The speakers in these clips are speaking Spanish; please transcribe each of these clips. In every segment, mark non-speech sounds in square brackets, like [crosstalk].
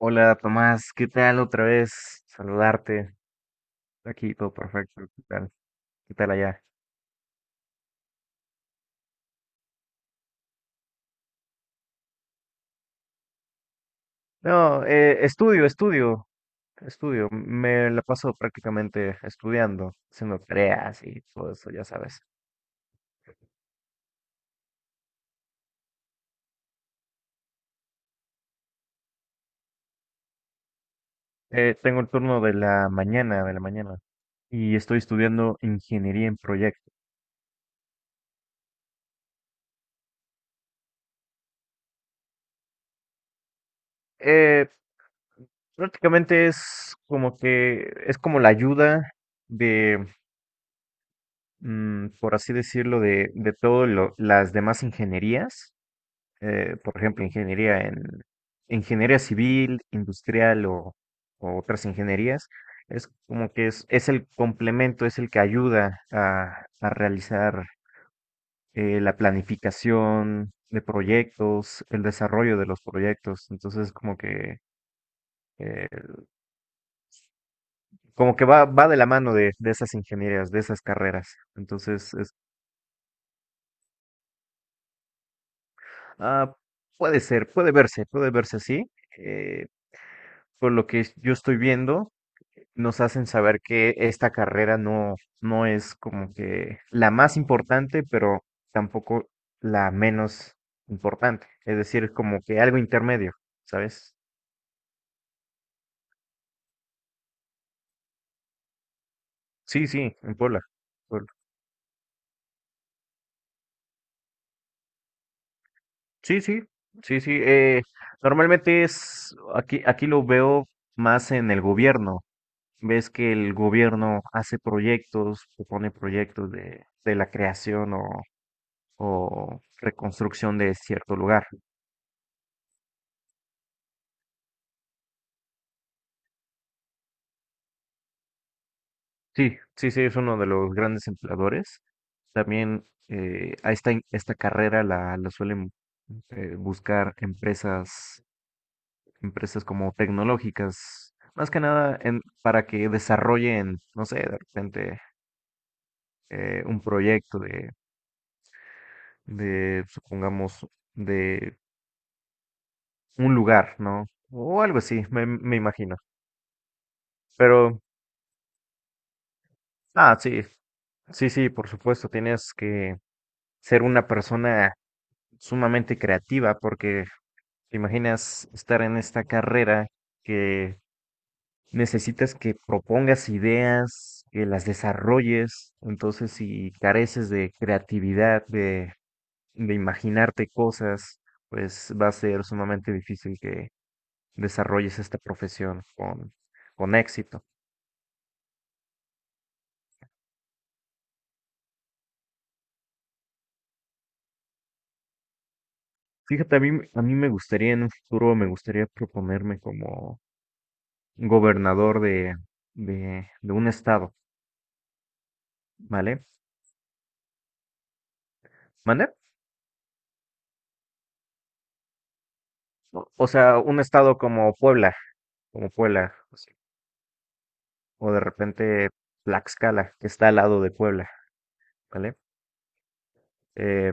Hola Tomás, ¿qué tal otra vez? Saludarte. Aquí todo perfecto. ¿Qué tal? ¿Qué tal allá? No, estudio, estudio. Me la paso prácticamente estudiando, haciendo tareas y todo eso, ya sabes. Tengo el turno de la mañana, y estoy estudiando ingeniería en proyectos. Eh, prácticamente es como que es como la ayuda de, por así decirlo, de todas las demás ingenierías por ejemplo, ingeniería en ingeniería civil, industrial o otras ingenierías, es como que es el complemento, es el que ayuda a realizar la planificación de proyectos, el desarrollo de los proyectos. Entonces, eh, como que va de la mano de esas ingenierías, de esas carreras. Entonces, es, ah, puede ser, puede verse así. eh, por lo que yo estoy viendo, nos hacen saber que esta carrera no, no es como que la más importante, pero tampoco la menos importante. Es decir, como que algo intermedio, ¿sabes? Sí, sí, en Puebla. Puebla. Sí, sí, sí, sí. Normalmente es, aquí lo veo más en el gobierno. Ves que el gobierno hace proyectos, propone proyectos de la creación o reconstrucción de cierto lugar. Sí, sí, sí, es uno de los grandes empleadores. También a esta carrera la suelen buscar empresas, empresas como tecnológicas, más que nada en, para que desarrollen, no sé, de repente un proyecto de, supongamos, de un lugar, ¿no? O algo así, me imagino. Pero, ah, sí, sí, sí, por supuesto, tienes que ser una persona sumamente creativa porque ¿te imaginas estar en esta carrera que necesitas que propongas ideas, que las desarrolles? Entonces, si careces de creatividad, de imaginarte cosas, pues va a ser sumamente difícil que desarrolles esta profesión con éxito. Fíjate, a mí me gustaría en un futuro, me gustaría proponerme como gobernador de, de un estado, ¿vale? ¿Mande? O sea, un estado como Puebla, así, o de repente Tlaxcala, que está al lado de Puebla, ¿vale? Eh,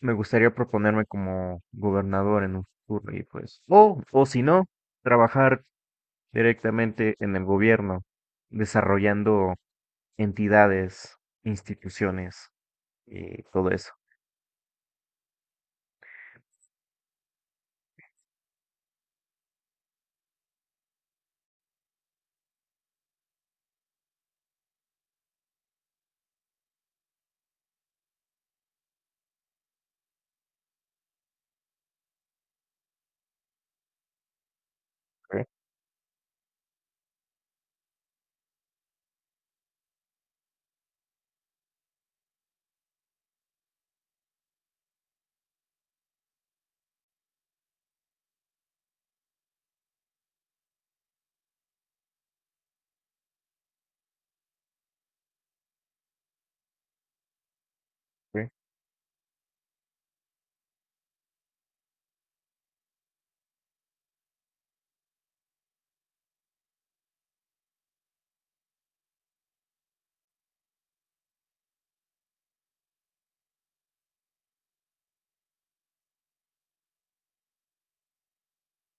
me gustaría proponerme como gobernador en un futuro y pues, o si no, trabajar directamente en el gobierno, desarrollando entidades, instituciones y todo eso. Ok, ok.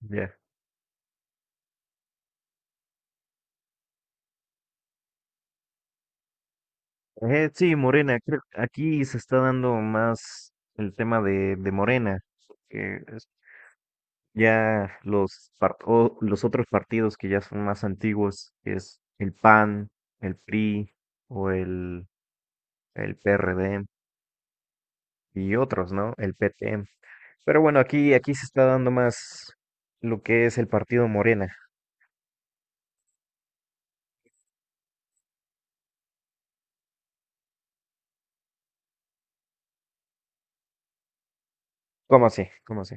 Ya. Sí, Morena, creo que aquí se está dando más el tema de Morena, que ya o los otros partidos que ya son más antiguos, que es el PAN, el PRI o el PRD y otros, ¿no? El PT. Pero bueno, aquí se está dando más lo que es el partido Morena. ¿Cómo así? ¿Cómo así?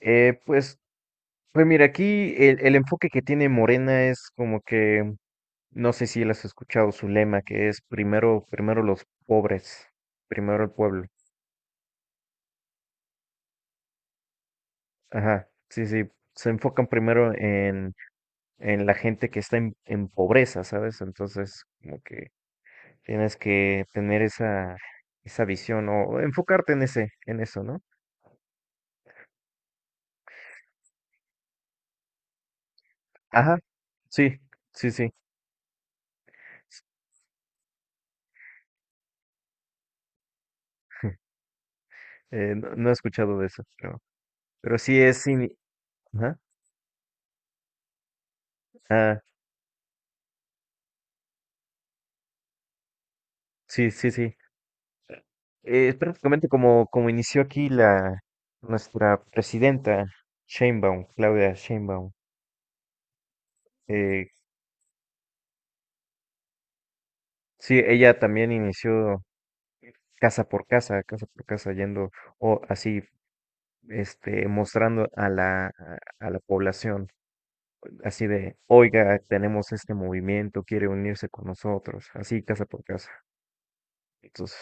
Pues, pues mira, aquí el enfoque que tiene Morena es como que, no sé si él has escuchado su lema, que es primero, primero los pobres, primero el pueblo. Ajá, sí, sí, se enfocan primero en la gente que está en pobreza, ¿sabes? Entonces, como que tienes que tener esa, esa visión o enfocarte en ese, en eso, ¿no? Ajá, sí, sí, sí. [laughs] No, no he escuchado de eso, pero sí es, sí ajá, ah, sí, sí, sí. Es prácticamente como, como inició aquí la, nuestra presidenta, Sheinbaum, Claudia Sheinbaum. Eh, sí, ella también inició casa por casa, yendo o así, este, mostrando a a la población, así de, oiga, tenemos este movimiento, quiere unirse con nosotros, así, casa por casa. Entonces,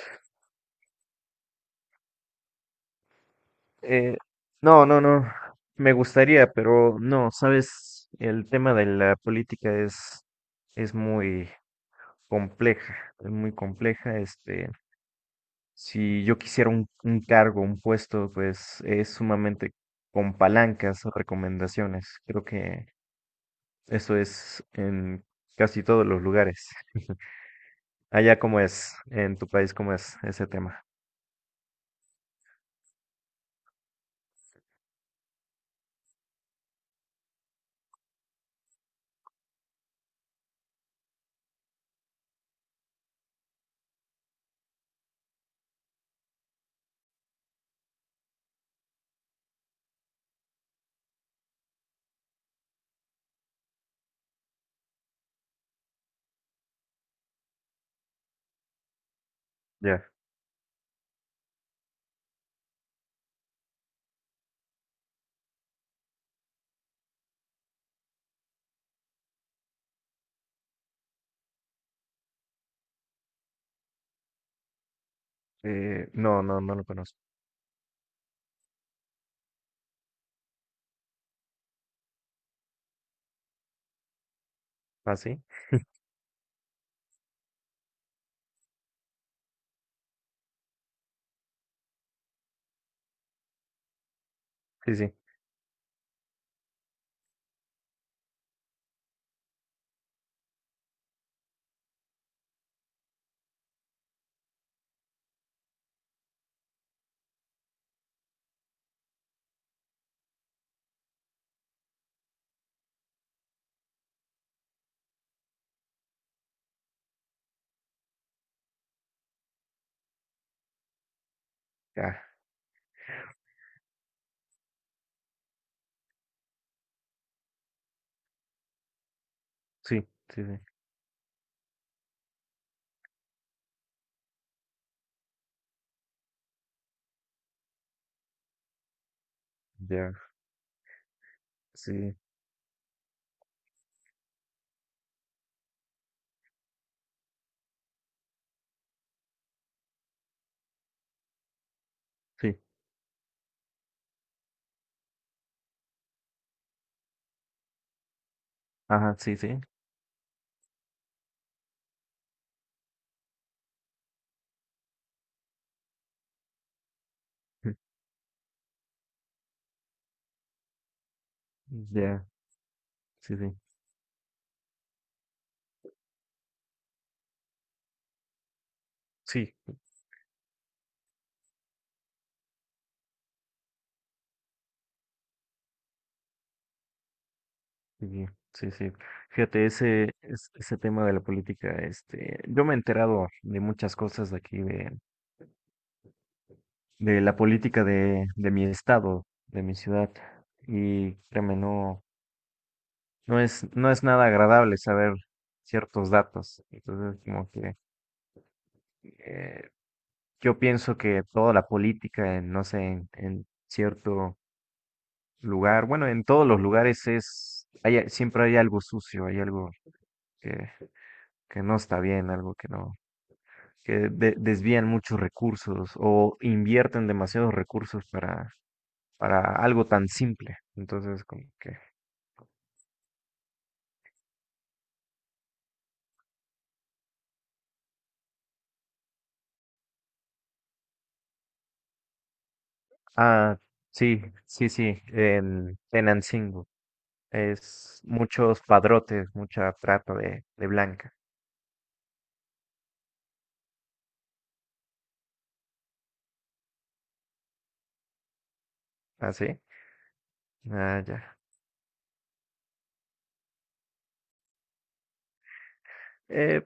eh, no, no, no, me gustaría, pero no, sabes, el tema de la política es muy compleja, es muy compleja, este, si yo quisiera un cargo, un puesto, pues es sumamente con palancas, o recomendaciones. Creo que eso es en casi todos los lugares. Allá cómo es, en tu país cómo es ese tema. Ya. No, no, no lo conozco. ¿Ah, sí? Sí, sí. Ya. Sí, sí, sí. Ya. Sí, sí. Ajá, sí, sí. [laughs] Ya. Sí, sí. Sí. Sí, sí, sí. Fíjate, ese tema de la política, este, yo me he enterado de muchas cosas de aquí, de la política de mi estado, de mi ciudad, y créeme, no, no es, no es nada agradable saber ciertos datos. Entonces, como que eh, yo pienso que toda la política, en, no sé, en cierto lugar, bueno, en todos los lugares es, hay, siempre hay algo sucio, hay algo que, que no está bien, algo que no, desvían muchos recursos o invierten demasiados recursos para algo tan simple. Entonces, como que... Ah, sí, sí, sí, en Tenancingo. Es muchos padrotes, mucha trata de blanca. ¿Ah, sí? Ah, ya. Eh,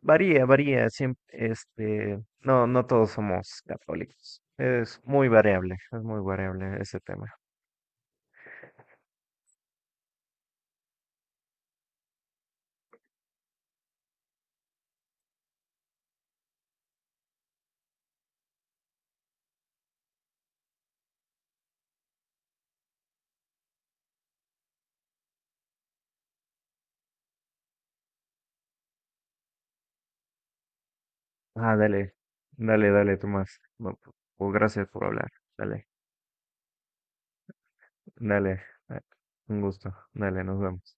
varía, varía. Siempre, este, no, no todos somos católicos. Es muy variable ese tema. Ah, dale, dale, dale, Tomás. No, pues gracias por hablar. Dale. Dale, eh, un gusto. Dale, nos vemos.